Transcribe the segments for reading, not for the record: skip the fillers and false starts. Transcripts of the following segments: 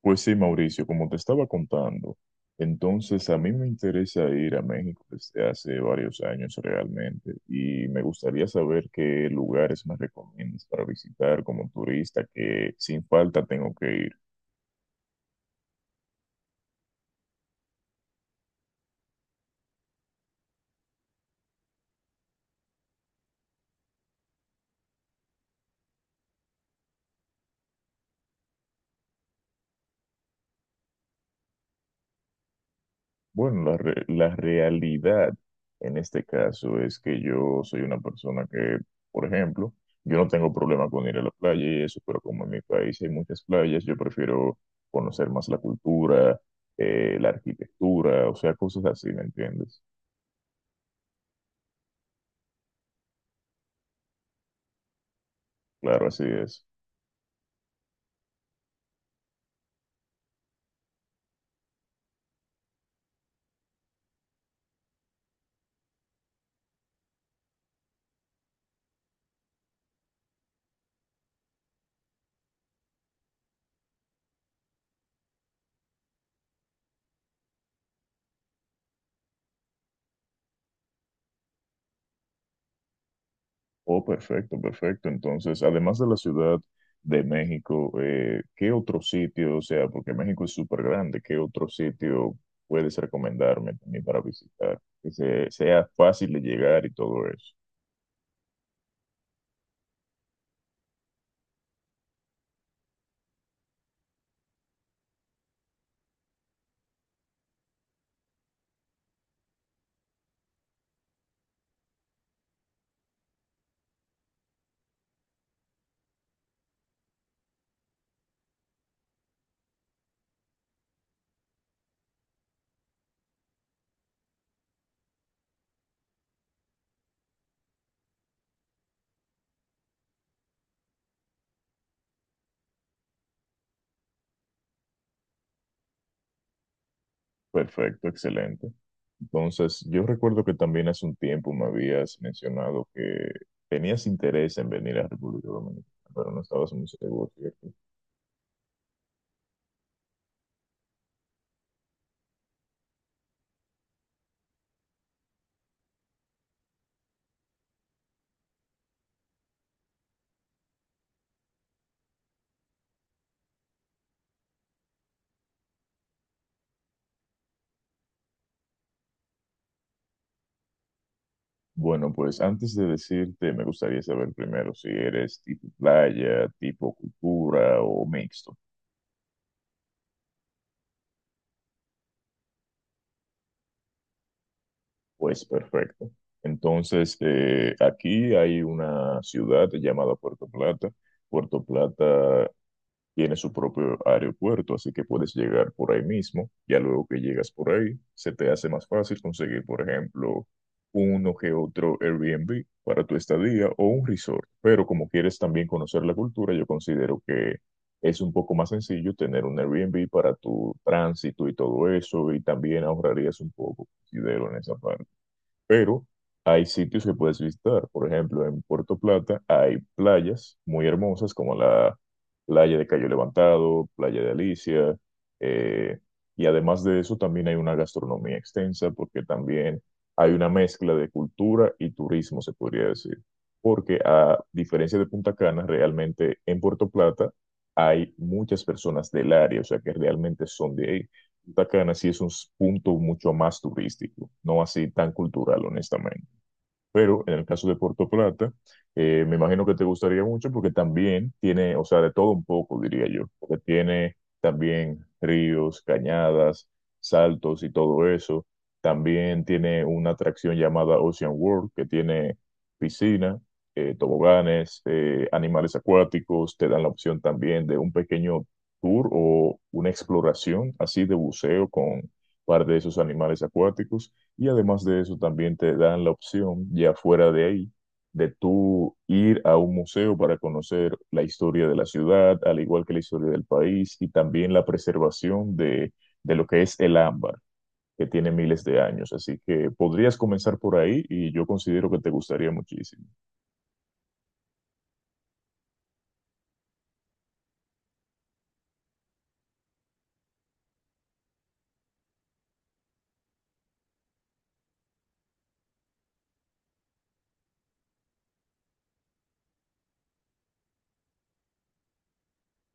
Pues sí, Mauricio, como te estaba contando, entonces a mí me interesa ir a México desde hace varios años realmente y me gustaría saber qué lugares me recomiendas para visitar como turista que sin falta tengo que ir. Bueno, la realidad en este caso es que yo soy una persona que, por ejemplo, yo no tengo problema con ir a la playa y eso, pero como en mi país hay muchas playas, yo prefiero conocer más la cultura, la arquitectura, o sea, cosas así, ¿me entiendes? Claro, así es. Oh, perfecto, perfecto. Entonces, además de la Ciudad de México, ¿qué otro sitio, o sea, porque México es súper grande, qué otro sitio puedes recomendarme también para visitar? Que sea fácil de llegar y todo eso. Perfecto, excelente. Entonces, yo recuerdo que también hace un tiempo me habías mencionado que tenías interés en venir a República Dominicana, pero no estabas muy seguro, ¿cierto? Bueno, pues antes de decirte, me gustaría saber primero si eres tipo playa, tipo cultura o mixto. Pues perfecto. Entonces, aquí hay una ciudad llamada Puerto Plata. Puerto Plata tiene su propio aeropuerto, así que puedes llegar por ahí mismo. Ya luego que llegas por ahí, se te hace más fácil conseguir, por ejemplo, uno que otro Airbnb para tu estadía o un resort. Pero como quieres también conocer la cultura, yo considero que es un poco más sencillo tener un Airbnb para tu tránsito y todo eso, y también ahorrarías un poco, considero, en esa parte, pero hay sitios que puedes visitar. Por ejemplo, en Puerto Plata hay playas muy hermosas como la playa de Cayo Levantado, playa de Alicia, eh, y además de eso también hay una gastronomía extensa porque también hay una mezcla de cultura y turismo, se podría decir. Porque a diferencia de Punta Cana, realmente en Puerto Plata hay muchas personas del área, o sea que realmente son de ahí. Punta Cana sí es un punto mucho más turístico, no así tan cultural, honestamente. Pero en el caso de Puerto Plata, me imagino que te gustaría mucho porque también tiene, o sea, de todo un poco, diría yo, porque tiene también ríos, cañadas, saltos y todo eso. También tiene una atracción llamada Ocean World, que tiene piscina, toboganes, animales acuáticos. Te dan la opción también de un pequeño tour o una exploración así de buceo con un par de esos animales acuáticos. Y además de eso, también te dan la opción, ya fuera de ahí, de tú ir a un museo para conocer la historia de la ciudad, al igual que la historia del país, y también la preservación de lo que es el ámbar, que tiene miles de años. Así que podrías comenzar por ahí y yo considero que te gustaría muchísimo.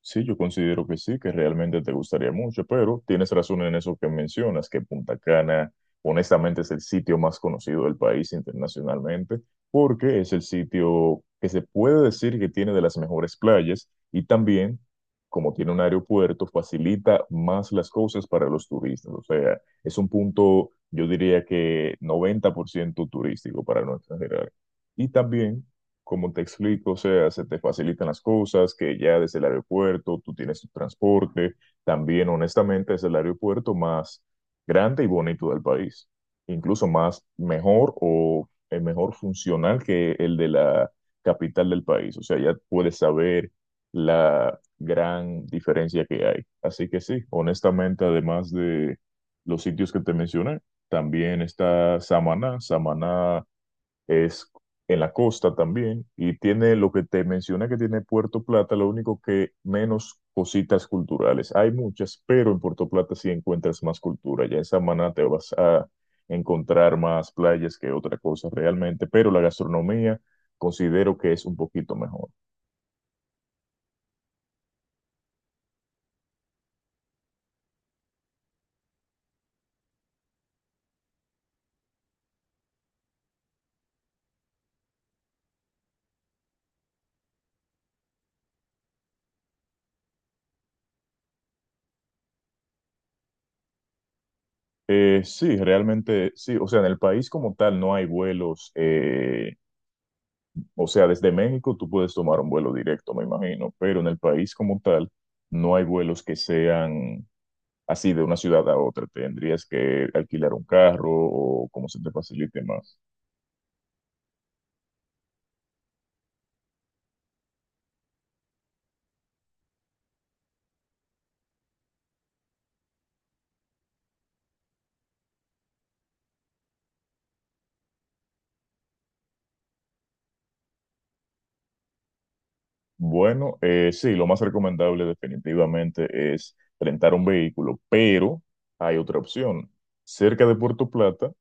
Sí, yo considero que sí, que realmente te gustaría mucho, pero tienes razón en eso que mencionas, que Punta Cana honestamente es el sitio más conocido del país internacionalmente, porque es el sitio que se puede decir que tiene de las mejores playas y también, como tiene un aeropuerto, facilita más las cosas para los turistas. O sea, es un punto, yo diría que 90% turístico para no exagerar. Y también como te explico, o sea, se te facilitan las cosas, que ya desde el aeropuerto tú tienes tu transporte, también honestamente es el aeropuerto más grande y bonito del país, incluso más mejor o mejor funcional que el de la capital del país, o sea, ya puedes saber la gran diferencia que hay. Así que sí, honestamente, además de los sitios que te mencioné, también está Samaná. Samaná es en la costa también, y tiene lo que te mencioné que tiene Puerto Plata, lo único que menos cositas culturales. Hay muchas, pero en Puerto Plata sí encuentras más cultura. Ya en Samaná te vas a encontrar más playas que otra cosa realmente, pero la gastronomía considero que es un poquito mejor. Sí, realmente sí. O sea, en el país como tal no hay vuelos. O sea, desde México tú puedes tomar un vuelo directo, me imagino, pero en el país como tal no hay vuelos que sean así de una ciudad a otra. ¿Tendrías que alquilar un carro o cómo se te facilite más? Bueno, sí, lo más recomendable definitivamente es rentar un vehículo, pero hay otra opción. Cerca de Puerto Plata,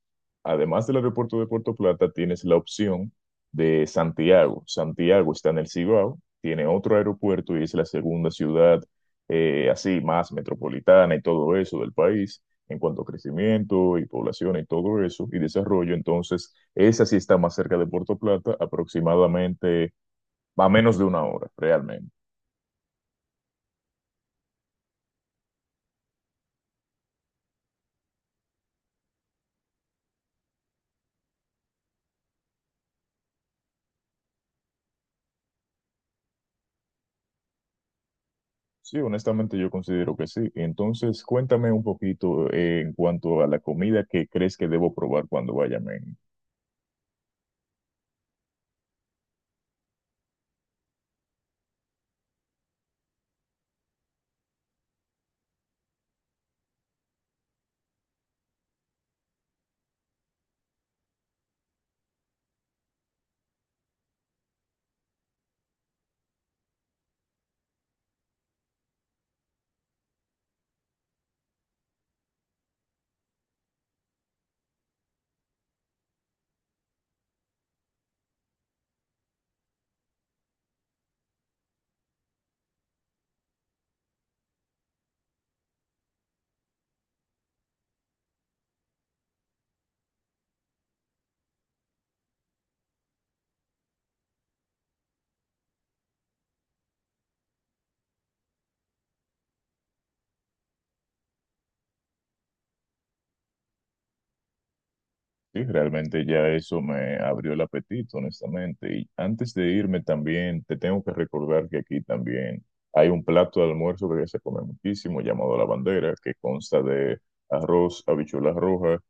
además del aeropuerto de Puerto Plata, tienes la opción de Santiago. Santiago está en el Cibao, tiene otro aeropuerto y es la segunda ciudad así más metropolitana y todo eso del país en cuanto a crecimiento y población y todo eso y desarrollo. Entonces, esa sí está más cerca de Puerto Plata, aproximadamente. Va menos de una hora, realmente. Sí, honestamente yo considero que sí. Entonces, cuéntame un poquito, en cuanto a la comida que crees que debo probar cuando vaya a México. Sí, realmente ya eso me abrió el apetito, honestamente. Y antes de irme también, te tengo que recordar que aquí también hay un plato de almuerzo que se come muchísimo, llamado la bandera, que consta de arroz, habichuelas rojas,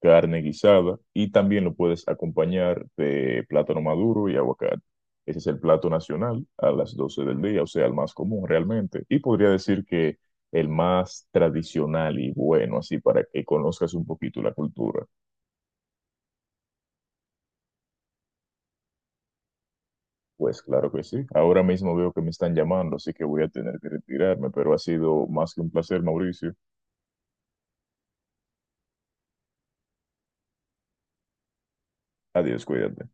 carne guisada y también lo puedes acompañar de plátano maduro y aguacate. Ese es el plato nacional a las 12 del día, o sea, el más común realmente. Y podría decir que el más tradicional y bueno, así para que conozcas un poquito la cultura. Pues claro que sí. Ahora mismo veo que me están llamando, así que voy a tener que retirarme, pero ha sido más que un placer, Mauricio. Adiós, cuídate.